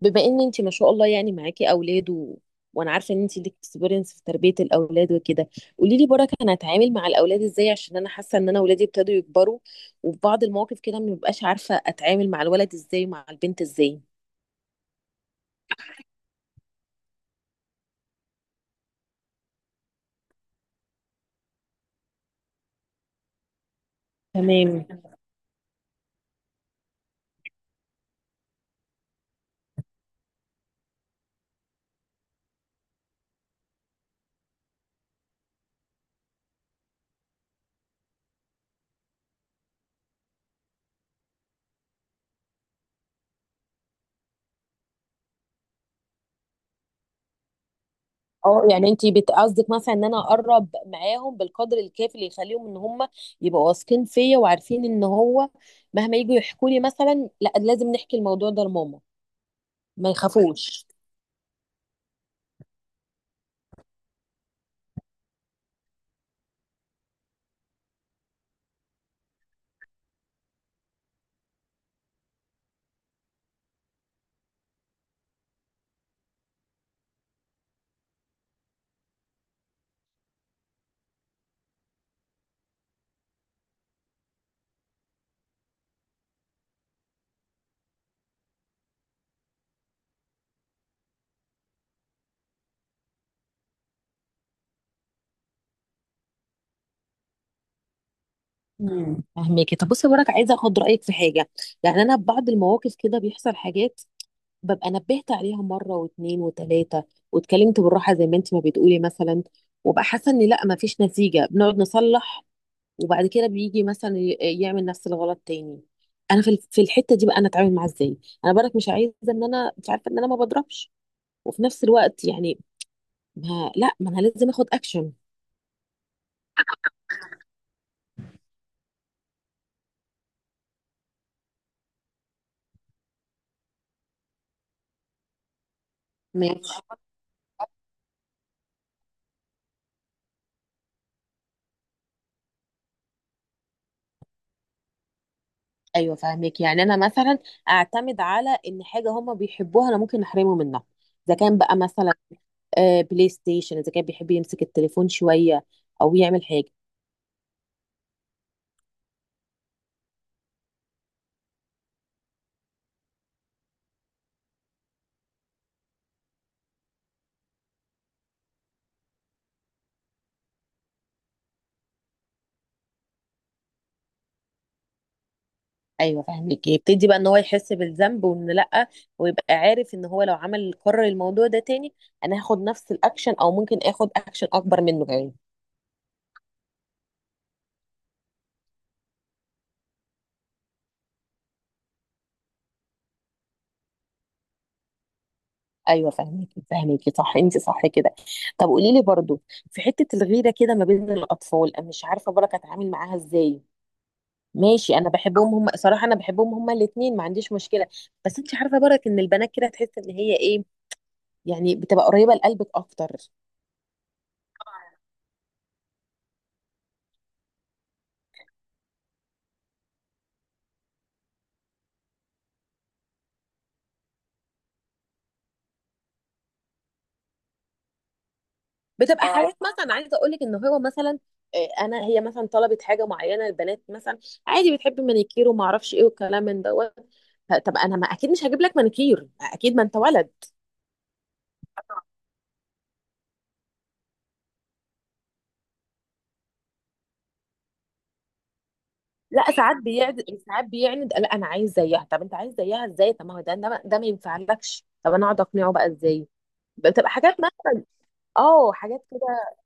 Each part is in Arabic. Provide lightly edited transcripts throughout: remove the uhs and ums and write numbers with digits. بما ان انت ما شاء الله يعني معاكي اولاد وانا عارفه ان انت ليك اكسبيرينس في تربيه الاولاد وكده. قولي لي بركه، انا هتعامل مع الاولاد ازاي؟ عشان انا حاسه ان انا اولادي ابتدوا يكبروا، وفي بعض المواقف كده ما ببقاش عارفه اتعامل مع الولد ازاي ومع البنت ازاي. تمام. اه يعني انت قصدك مثلا ان انا اقرب معاهم بالقدر الكافي اللي يخليهم ان هم يبقوا واثقين فيا وعارفين ان هو مهما يجوا يحكوا لي، مثلا لا لازم نحكي الموضوع ده لماما. ما يخافوش. فهماكي. طب بصي، وراك عايزه اخد رايك في حاجه. يعني انا ببعض المواقف كده بيحصل حاجات ببقى نبهت عليها مره واثنين وثلاثه، واتكلمت بالراحه زي ما انت ما بتقولي مثلا، وبقى حاسه ان لا ما فيش نتيجه، بنقعد نصلح وبعد كده بيجي مثلا يعمل نفس الغلط تاني. انا في الحته دي بقى انا اتعامل معاه ازاي؟ انا برك مش عايزه ان انا، مش عارفه، ان انا ما بضربش، وفي نفس الوقت يعني ما انا لازم اخد اكشن. ايوه فاهمك. يعني انا مثلا اعتمد على ان حاجه هم بيحبوها انا ممكن احرمه منها. اذا كان بقى مثلا بلاي ستيشن، اذا كان بيحب يمسك التليفون شويه او يعمل حاجه. ايوه فاهمك، يبتدي بقى ان هو يحس بالذنب، وان لا، ويبقى عارف ان هو لو عمل قرر الموضوع ده تاني انا هاخد نفس الاكشن، او ممكن اخد اكشن اكبر منه كمان. ايوه فاهمك، صح انت صح كده. طب قولي لي برضو، في حته الغيره كده ما بين الاطفال، انا مش عارفه بركه اتعامل معاها ازاي. ماشي، انا بحبهم هم صراحه، انا بحبهم هما الاثنين، ما عنديش مشكله. بس انت عارفه برك ان البنات كده تحس ان هي ايه، يعني بتبقى قريبه لقلبك اكتر. بتبقى اه حاجات مثلا عايزه اقول لك ان هو مثلا، انا، هي مثلا طلبت حاجه معينه، البنات مثلا عادي بتحب مانيكير وما اعرفش ايه والكلام من دوت. طب انا ما اكيد مش هجيب لك مانيكير، اكيد ما انت ولد. لا ساعات بيعند، لا انا عايز زيها. طب انت عايز زيها ازاي؟ طب ما هو ده، ده ما ينفعلكش. طب انا اقعد اقنعه بقى ازاي؟ بتبقى حاجات مثلا، اه حاجات كده.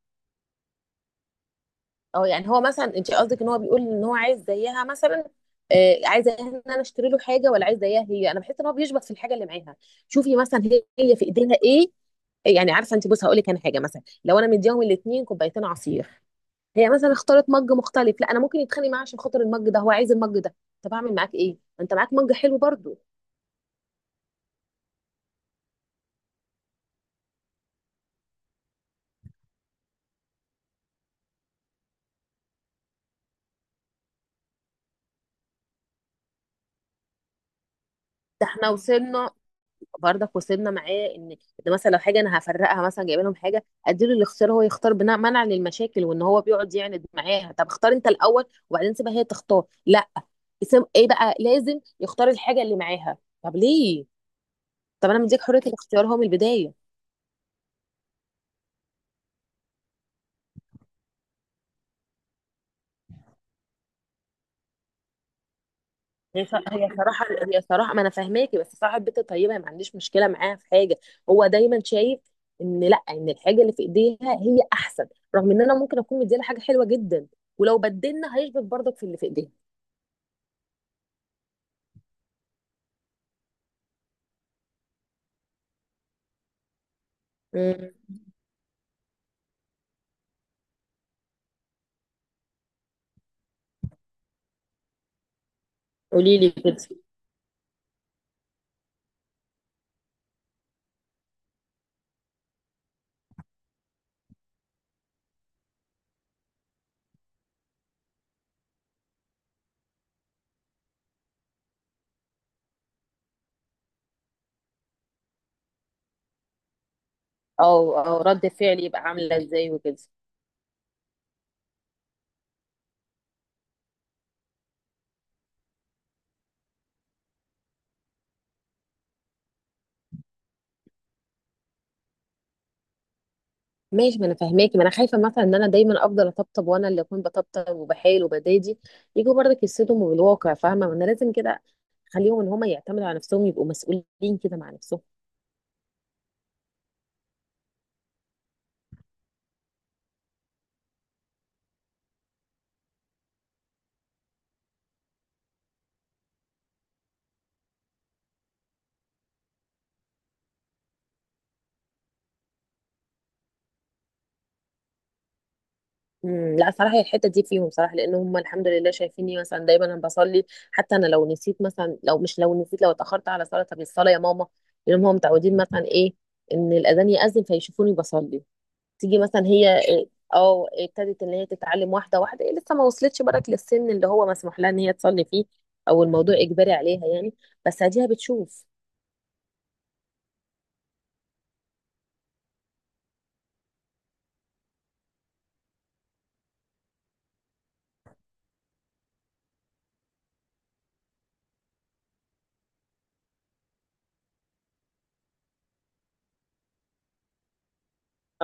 اه يعني هو مثلا، انت قصدك ان هو بيقول ان هو عايز زيها مثلا؟ آه، عايز زيها ان انا اشتري له حاجه، ولا عايز زيها هي؟ انا بحس ان هو بيشبط في الحاجه اللي معاها. شوفي مثلا، هي في ايديها ايه، يعني عارفه. انت بص هقول لك، انا حاجه مثلا لو انا مديهم الاثنين كوبايتين عصير، هي مثلا اختارت مج مختلف، لا انا ممكن يتخانق معاه عشان خاطر المج ده، هو عايز المج ده. طب اعمل معاك ايه؟ ما انت معاك مج حلو برضو. ده احنا وصلنا، برضك وصلنا معاه ان، ان مثلا لو حاجه انا هفرقها، مثلا جايبه لهم حاجه اديله الاختيار هو يختار بناء منعا للمشاكل. وان هو بيقعد يعند معاها، طب اختار انت الاول وبعدين سيبها هي تختار؟ لا، اسم ايه بقى، لازم يختار الحاجه اللي معاها. طب ليه؟ طب انا مديك حريه الاختيار هو من البدايه. هي صراحه، هي صراحه، ما انا فاهماكي، بس صاحب بيت طيبه، ما عنديش مشكله معاها في حاجه. هو دايما شايف ان لا، ان الحاجه اللي في ايديها هي احسن، رغم ان انا ممكن اكون مديها حاجه حلوه جدا. ولو بدلنا هيشبك برضك في اللي في ايديها. مم. قولي لي كده. او او رد فعلي يبقى عامله ازاي وكده. ماشي، ما انا فاهماكي. ما انا خايفه مثلا ان انا دايما افضل اطبطب، وانا اللي اكون بطبطب وبحايل وبدادي، يجوا برضك يصدموا بالواقع. فاهمه؟ ما انا لازم كده اخليهم ان هم يعتمدوا على نفسهم، يبقوا مسؤولين كده مع نفسهم. لا صراحه هي الحته دي فيهم صراحه، لان هم الحمد لله شايفيني مثلا دايما انا بصلي. حتى انا لو نسيت مثلا، لو مش لو نسيت، لو اتاخرت على صلاه، طب الصلاه يا ماما. لان هم متعودين مثلا ايه، ان الاذان ياذن فيشوفوني بصلي. تيجي مثلا هي، اه ابتدت ان هي تتعلم واحده واحده. هي لسه ما وصلتش برك للسن اللي هو مسموح لها ان هي تصلي فيه، او الموضوع اجباري عليها يعني، بس اديها بتشوف.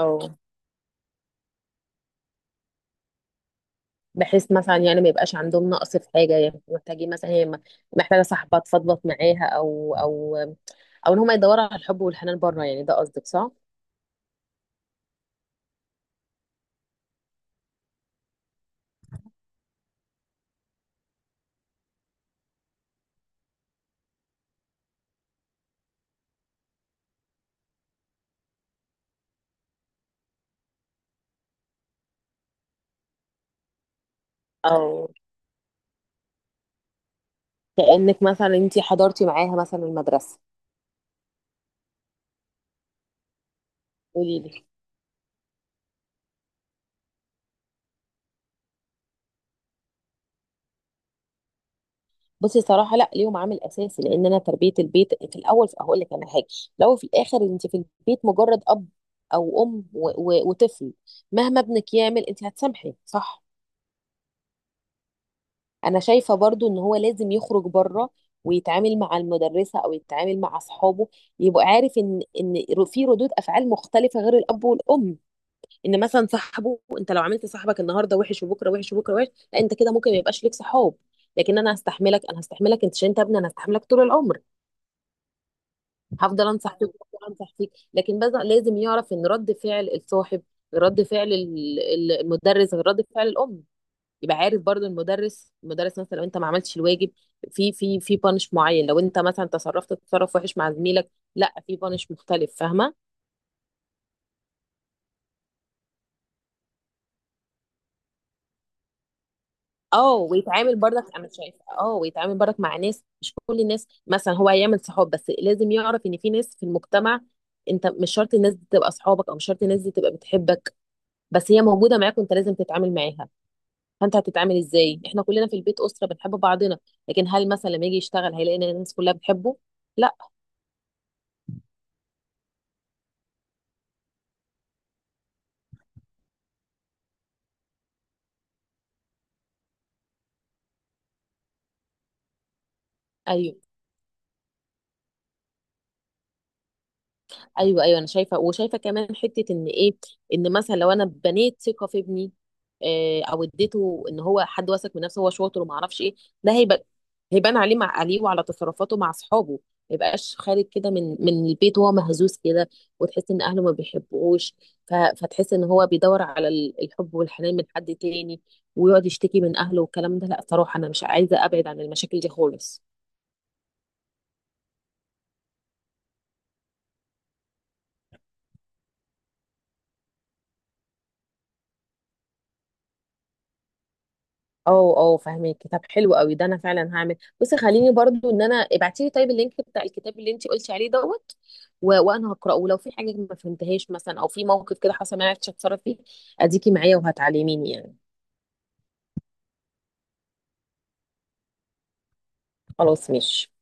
او بحيث مثلا يعني ما يبقاش عندهم نقص في حاجه، يعني محتاجين مثلا، محتاجه صاحبه تفضفض معاها، او او، او ان هم يدوروا على الحب والحنان بره، يعني ده قصدك صح؟ او كانك مثلا انت حضرتي معاها مثلا المدرسه. قولي لي. بصي صراحه لا، ليهم عامل اساسي، لان انا تربيه البيت في الاول هقول لك انا حاجه، لو في الاخر انت في البيت مجرد اب او ام وطفل، مهما ابنك يعمل انت هتسامحي، صح؟ انا شايفه برضو ان هو لازم يخرج بره، ويتعامل مع المدرسه، او يتعامل مع اصحابه، يبقى عارف ان في ردود افعال مختلفه غير الاب والام. ان مثلا صاحبه، انت لو عملت صاحبك النهارده وحش، وبكره وحش، وبكره وحش، لا انت كده ممكن ما يبقاش ليك صحاب. لكن انا هستحملك، انا هستحملك انت، عشان انت ابني انا هستحملك طول العمر. هفضل انصح فيك لكن، بس لازم يعرف ان رد فعل الصاحب غير رد فعل المدرس، غير رد فعل الام. يبقى عارف برضو المدرس، المدرس مثلا لو انت ما عملتش الواجب في في بانش معين، لو انت مثلا تصرفت تصرف وحش مع زميلك لا في بانش مختلف، فاهمه؟ اه ويتعامل برضك، انا شايفه اه، ويتعامل برضك مع ناس. مش كل الناس مثلا هو هيعمل صحاب، بس لازم يعرف ان في ناس في المجتمع انت مش شرط الناس دي تبقى اصحابك، او مش شرط الناس دي تبقى بتحبك، بس هي موجوده معاك وانت لازم تتعامل معاها. فانت هتتعامل ازاي؟ احنا كلنا في البيت اسره بنحب بعضنا، لكن هل مثلا لما يجي يشتغل هيلاقي ان الناس كلها بتحبه؟ لا. أيوه. ايوه ايوه انا شايفه، وشايفه كمان حته ان ايه، ان مثلا لو انا بنيت ثقه في ابني، او اديته ان هو حد واثق من نفسه، هو شاطر وما اعرفش ايه، ده هيبقى، هيبان عليه، مع عليه وعلى تصرفاته مع اصحابه. ما يبقاش خارج كده من البيت وهو مهزوز كده، وتحس ان اهله ما بيحبوش، فتحس ان هو بيدور على الحب والحنان من حد تاني، ويقعد يشتكي من اهله والكلام ده. لا صراحه انا مش عايزه ابعد عن المشاكل دي خالص. اه اه فاهمك، طب حلو قوي ده، انا فعلا هعمل. بصي خليني برضو، ان انا ابعتي لي طيب اللينك بتاع الكتاب اللي انت قلتي عليه دوت، وانا هقراه، ولو في حاجه ما فهمتهاش مثلا، او في موقف كده حصل ما عرفتش اتصرف فيه، اديكي معايا وهتعلميني يعني. خلاص ماشي.